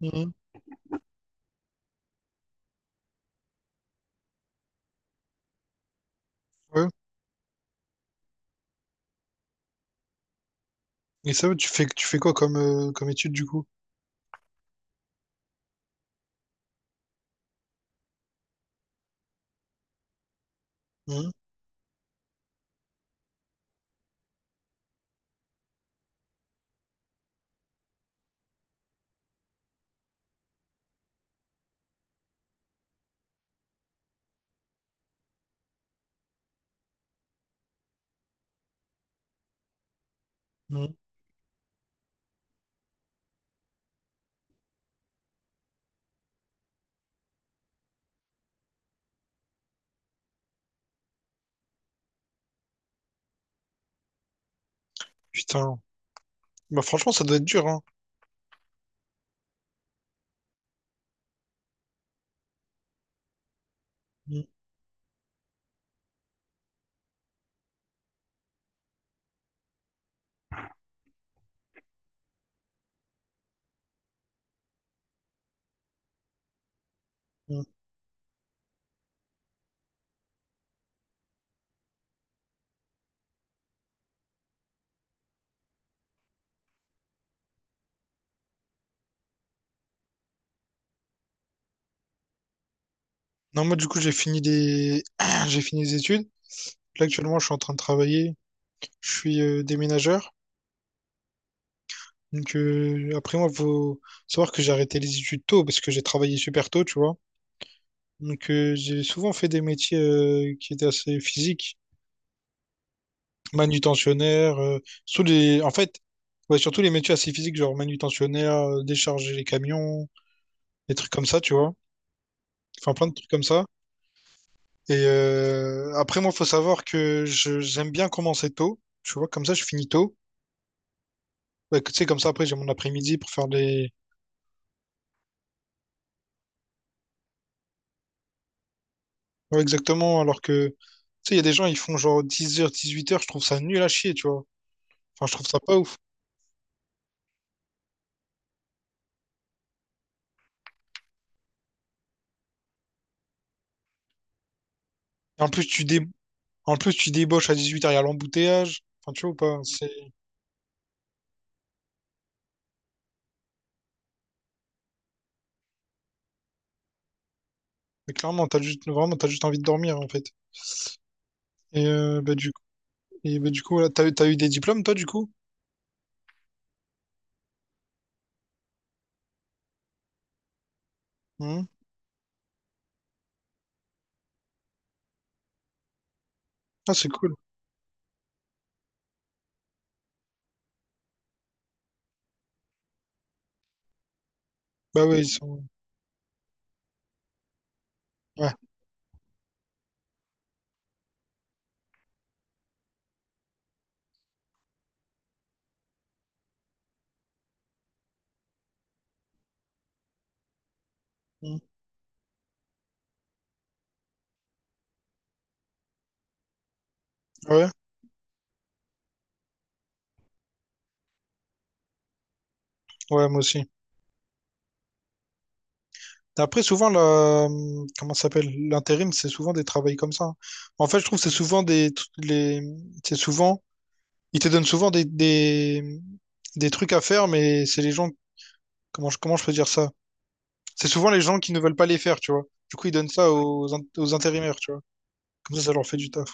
Mhm, ouais. Et ça, tu fais quoi comme, comme étude du coup? Mhm, mhm. Putain. Bah franchement, ça doit être dur, hein. Mhm, mhm. Non, moi du coup, j'ai fini les... j'ai fini les études. Là, actuellement, je suis en train de travailler. Je suis déménageur. Donc après moi, faut savoir que j'ai arrêté les études tôt parce que j'ai travaillé super tôt, tu vois. Donc, j'ai souvent fait des métiers qui étaient assez physiques, manutentionnaire, sous les... en fait, ouais, surtout les métiers assez physiques, genre manutentionnaire, décharger les camions, des trucs comme ça, tu vois. Enfin, plein de trucs comme ça. Et après, moi, faut savoir que j'aime bien commencer tôt, tu vois, comme ça, je finis tôt. Ouais, que, tu sais, comme ça, après, j'ai mon après-midi pour faire des... Ouais, exactement, alors que, tu sais, il y a des gens, ils font genre dix heures dix-huit heures, je trouve ça nul à chier, tu vois. Enfin, je trouve ça pas ouf. Et en plus, en plus, tu débauches à 18 heures, il y a l'embouteillage. Enfin, tu vois ou pas? C'est mais clairement, t'as juste envie de dormir en fait. Et bah, du coup, là, t'as eu des diplômes toi du coup? Hmm. Ah, c'est cool. Bah oui, ils sont. Ouais. Hmm. Ouais, ouais, moi aussi. Après, souvent, la... comment ça s'appelle? L'intérim, c'est souvent des travails comme ça, hein. En fait, je trouve que c'est souvent des. Les... C'est souvent. Ils te donnent souvent des trucs à faire, mais c'est les gens. Comment je peux dire ça? C'est souvent les gens qui ne veulent pas les faire, tu vois. Du coup, ils donnent ça aux, aux intérimaires, tu vois. Comme ça leur fait du taf.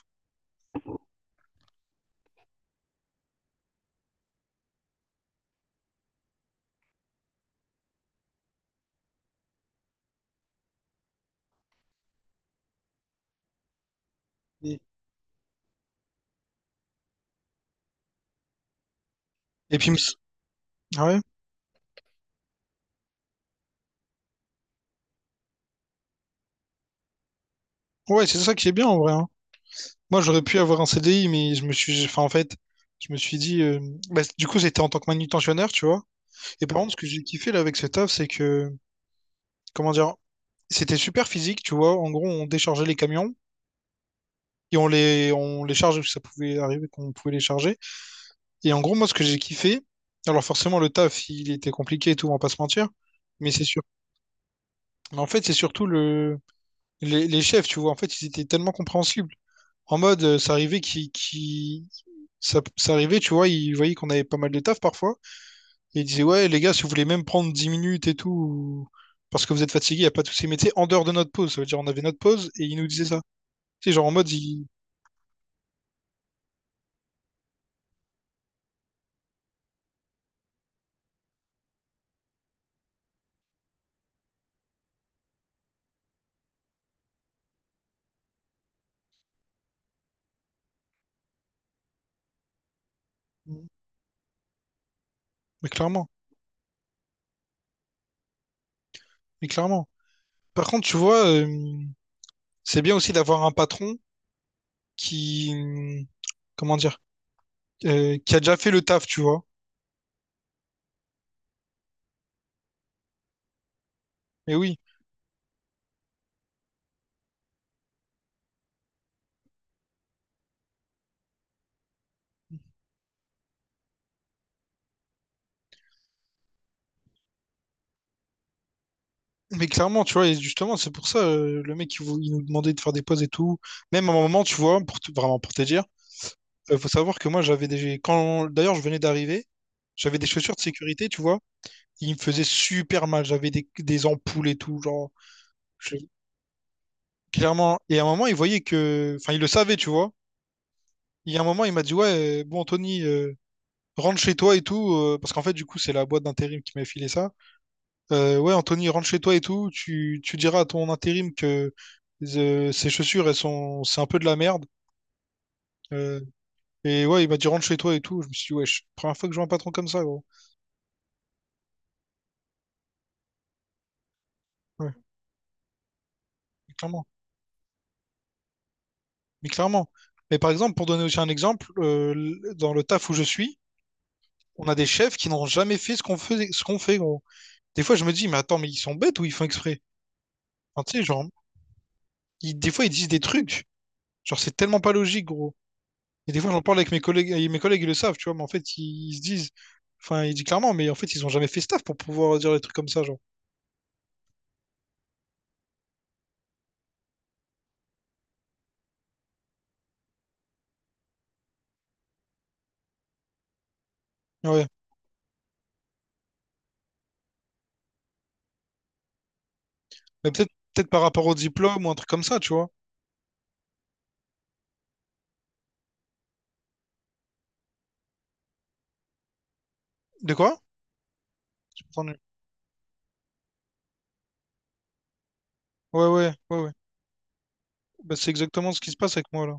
Et, et puis, il me s- ah ouais, ouais, c'est ça qui est bien en vrai, hein. Moi, j'aurais pu avoir un CDI, mais je me suis, enfin, en fait, je me suis dit, bah, du coup, c'était en tant que manutentionnaire, tu vois. Et par contre, ce que j'ai kiffé là avec ce taf, c'est que, comment dire, c'était super physique, tu vois. En gros, on déchargeait les camions et on les chargeait, parce que ça pouvait arriver qu'on pouvait les charger. Et en gros, moi, ce que j'ai kiffé, alors forcément, le taf, il était compliqué et tout, on va pas se mentir. Mais c'est Mais en fait, c'est surtout le... les chefs, tu vois. En fait, ils étaient tellement compréhensibles. En mode, ça, ça arrivait, tu vois, ils voyaient qu'on avait pas mal de taf parfois. Et ils disaient, ouais, les gars, si vous voulez même prendre 10 minutes et tout, parce que vous êtes fatigués, il n'y a pas tous ces métiers en dehors de notre pause. Ça veut dire, on avait notre pause et ils nous disaient ça. C'est genre en mode, mais clairement, mais clairement. Par contre, tu vois, c'est bien aussi d'avoir un patron qui, comment dire, qui a déjà fait le taf, tu vois. Mais oui. Mais clairement, tu vois, et justement, c'est pour ça, le mec, il nous demandait de faire des pauses et tout. Même à un moment, tu vois, vraiment pour te dire, faut savoir que moi, d'ailleurs, je venais d'arriver, j'avais des chaussures de sécurité, tu vois. Il me faisait super mal, des ampoules et tout, genre, je- clairement. Et à un moment, il voyait que... Enfin, il le savait, tu vois. Il y a un moment, il m'a dit, ouais, bon, Anthony, rentre chez toi et tout, parce qu'en fait, du coup, c'est la boîte d'intérim qui m'a filé ça. Ouais, Anthony, rentre chez toi et tout. Tu diras à ton intérim que ses chaussures, c'est un peu de la merde. Euh, et ouais, il m'a dit rentre chez toi et tout. Je me suis dit, wesh, première fois que je vois un patron comme ça, gros. Ouais, mais clairement. Mais clairement. Mais par exemple, pour donner aussi un exemple, dans le taf où je suis, on a des chefs qui n'ont jamais fait ce qu'on faisait, ce qu'on fait, gros. Des fois, je me dis, mais attends, mais ils sont bêtes ou ils font exprès? Enfin, tu sais, genre, des fois, ils disent des trucs. Genre, c'est tellement pas logique, gros. Et des fois, j'en parle avec mes collègues, et mes collègues, ils le savent, tu vois, mais en fait, ils se disent, enfin, ils disent clairement, mais en fait, ils ont jamais fait staff pour pouvoir dire des trucs comme ça, genre. Ouais. Mais peut-être par rapport au diplôme ou un truc comme ça, tu vois. De quoi? J'ai pas entendu. Ouais, ouais. Bah, c'est exactement ce qui se passe avec moi, là.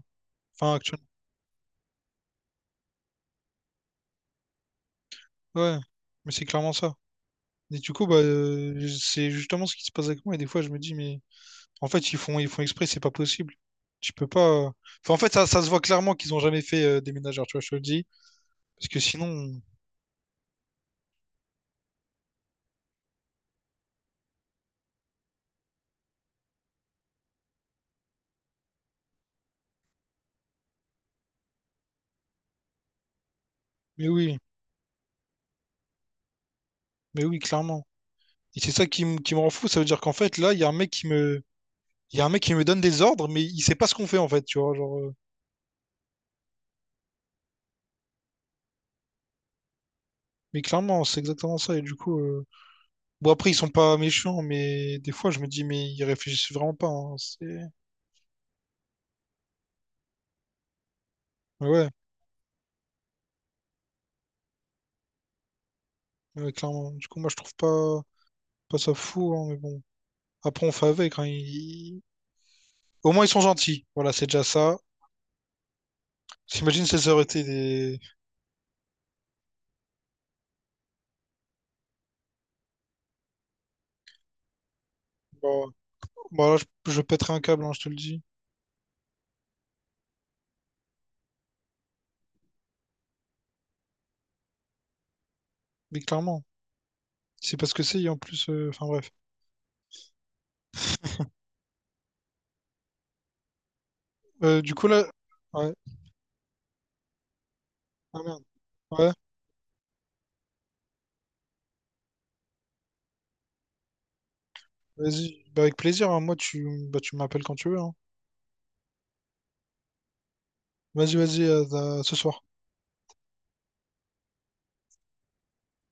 Enfin, actuellement. Ouais. Mais c'est clairement ça. Et du coup, bah, c'est justement ce qui se passe avec moi. Et des fois, je me dis, mais en fait, ils font exprès, c'est pas possible. Tu peux pas. euh, Enfin, en fait, ça se voit clairement qu'ils ont jamais fait des ménagères, tu vois, je te le dis. Parce que sinon, mais oui, mais oui, clairement. Et c'est ça qui me rend fou. Ça veut dire qu'en fait, là, il y a un mec qui me donne des ordres, mais il sait pas ce qu'on fait, en fait, tu vois. Genre, mais clairement, c'est exactement ça. Et du coup, bon, après, ils sont pas méchants, mais des fois, je me dis, mais ils réfléchissent vraiment pas, hein. Ouais, ouais, clairement. Du coup, moi, je trouve pas, pas ça fou, hein, mais bon. Après, on fait avec, hein. Au moins, ils sont gentils. Voilà, c'est déjà ça. J'imagine si ça aurait été des. Bon, bon, là, je pèterais un câble, hein, je te le dis. Mais clairement, c'est parce que c'est, et en plus. Enfin, bref. Du coup, là. Ouais. Ah, merde. Ouais, vas-y. Bah, avec plaisir, hein. Moi, bah, tu m'appelles quand tu veux, hein. Vas-y, à ce soir.